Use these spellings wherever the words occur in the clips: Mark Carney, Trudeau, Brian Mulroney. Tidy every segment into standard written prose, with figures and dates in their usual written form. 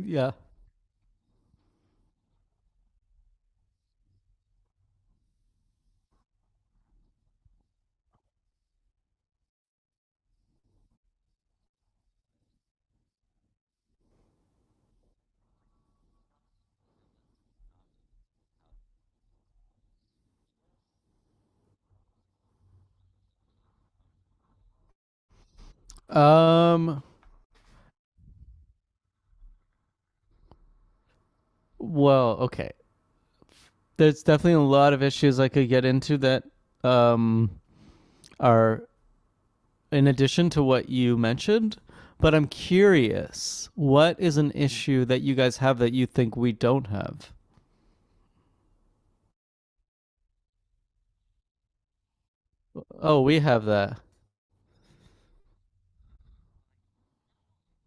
Yeah. Um. Well, okay. There's definitely a lot of issues I could get into that um, are in addition to what you mentioned, but I'm curious, what is an issue that you guys have that you think we don't have? Oh, we have that.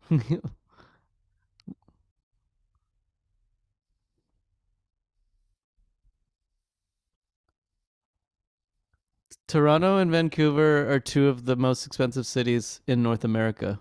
Toronto and Vancouver are two of the most expensive cities in North America.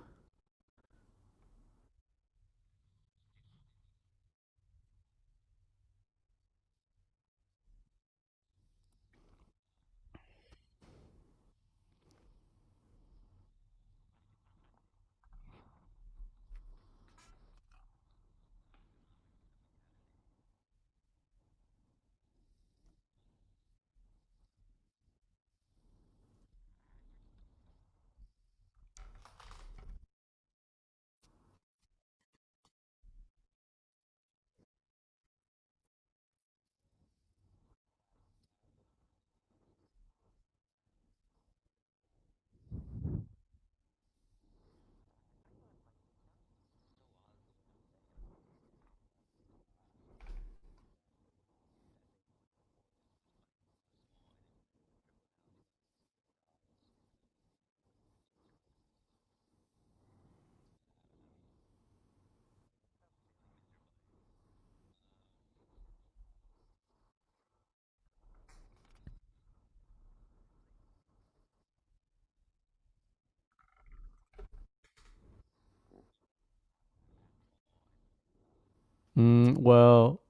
Mm, well,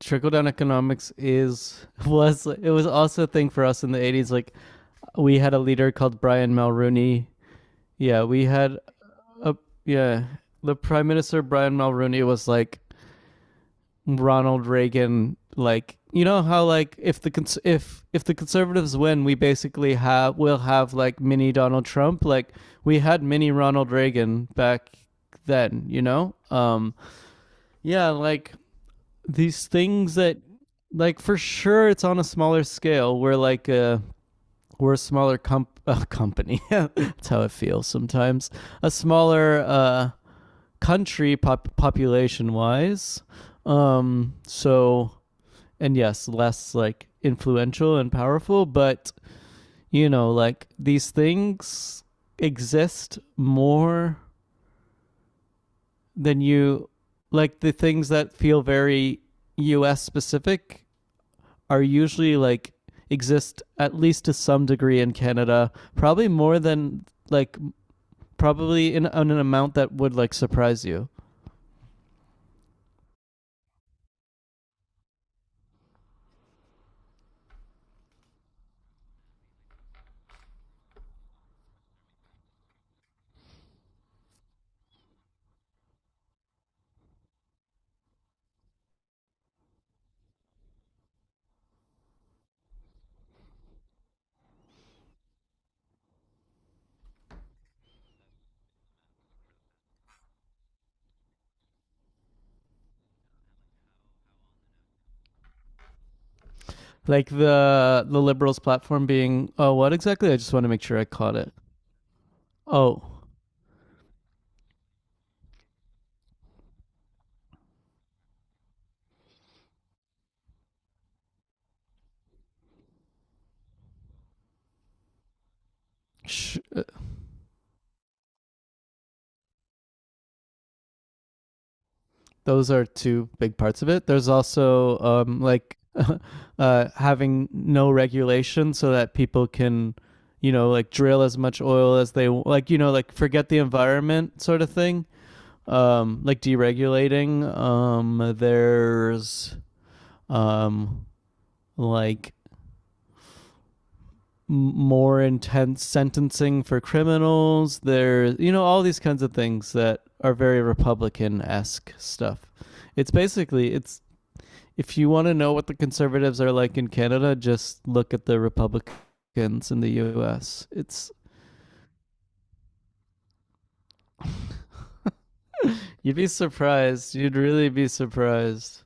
trickle down economics is was it was also a thing for us in the 80s, like we had a leader called Brian Mulroney. Yeah, we had a yeah. The Prime Minister Brian Mulroney was like Ronald Reagan. Like, you know how like if if the conservatives win, we basically have we'll have like mini Donald Trump. Like we had mini Ronald Reagan back then. You know, yeah, like these things that like for sure it's on a smaller scale where like we're a smaller company. That's how it feels sometimes. A smaller country population wise. So, and yes, less like influential and powerful, but you know, like these things exist more than you the things that feel very US specific are usually like exist at least to some degree in Canada, probably more than like probably in an amount that would like surprise you. Like the liberals' platform being, oh, what exactly? I just want to make sure I caught it. Oh, sh- uh, those are two big parts of it. There's also like having no regulation so that people can, you know, like drill as much oil as they like, you know, like forget the environment sort of thing. Like deregulating. There's um, like more intense sentencing for criminals. There, you know, all these kinds of things that are very Republican esque stuff. It's basically it's if you want to know what the conservatives are like in Canada, just look at the Republicans in the U.S. It's you'd be surprised. You'd really be surprised.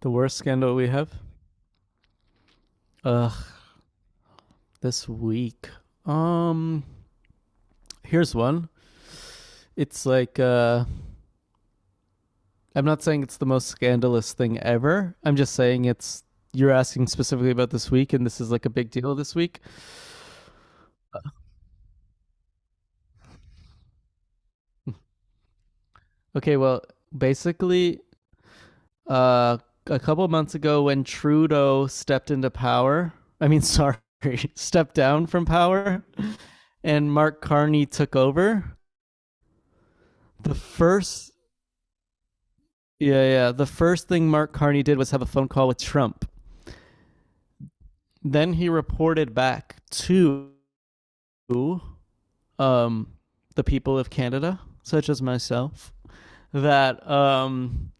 The worst scandal we have. Ugh, this week. Um, here's one. It's like I'm not saying it's the most scandalous thing ever. I'm just saying it's you're asking specifically about this week, and this is like a big deal this week. Okay, well, basically uh a couple of months ago when Trudeau stepped into power, I mean sorry, stepped down from power and Mark Carney took over, the first yeah, the first thing Mark Carney did was have a phone call with Trump. Then he reported back to um, the people of Canada, such as myself, that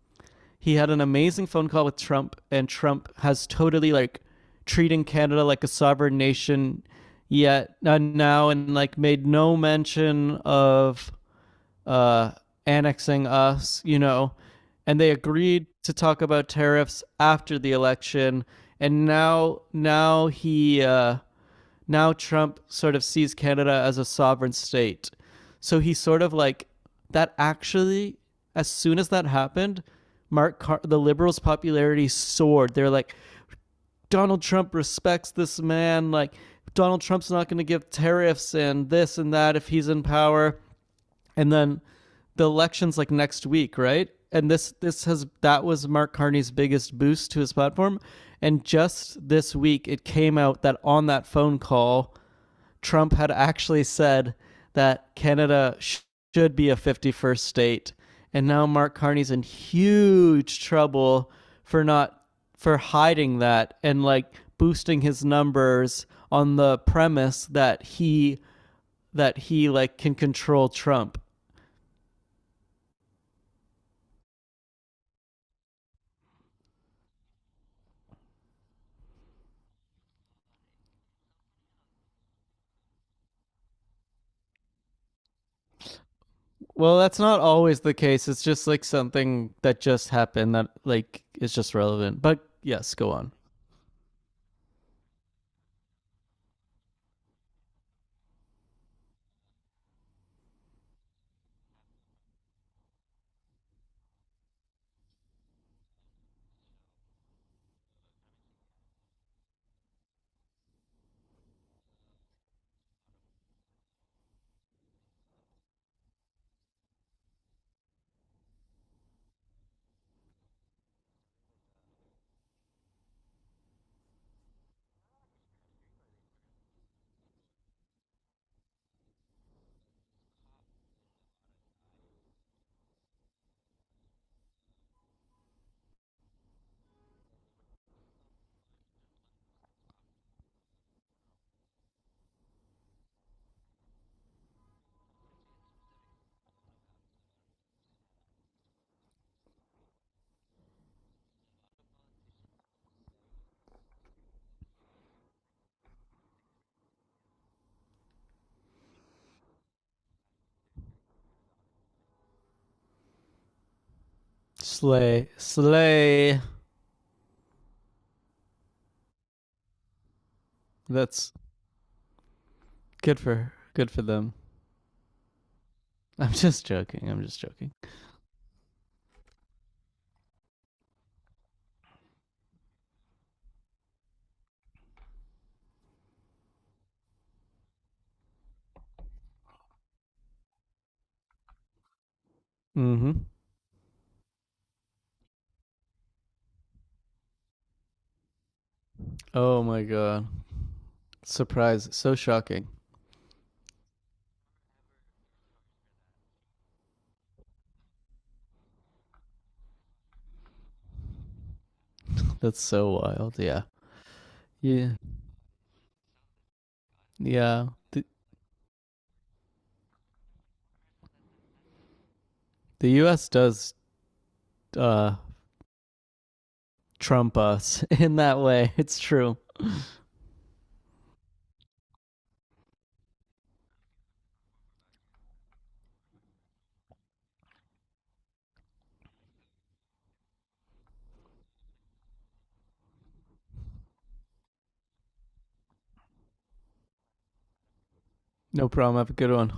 he had an amazing phone call with Trump, and Trump has totally like treating Canada like a sovereign nation yet, now, and like made no mention of uh, annexing us, you know. And they agreed to talk about tariffs after the election, and now he, now Trump sort of sees Canada as a sovereign state. So he sort of like that actually, as soon as that happened, the Liberals' popularity soared. They're like, Donald Trump respects this man. Like, Donald Trump's not going to give tariffs and this and that if he's in power. And then the election's like next week, right? And this has that was Mark Carney's biggest boost to his platform. And just this week, it came out that on that phone call, Trump had actually said that Canada should be a 51st state. And now Mark Carney's in huge trouble for not for hiding that and like boosting his numbers on the premise that he like can control Trump. Well, that's not always the case. It's just like something that just happened that like is just relevant. But yes, go on. Slay, slay. That's good for them. I'm just joking. I'm just joking. Mm-hmm. Oh my god! Surprise! So shocking. That's so wild. Yeah. Yeah. Yeah. The U.S. does uh trump us in that way. It's true. No problem. Have a good one.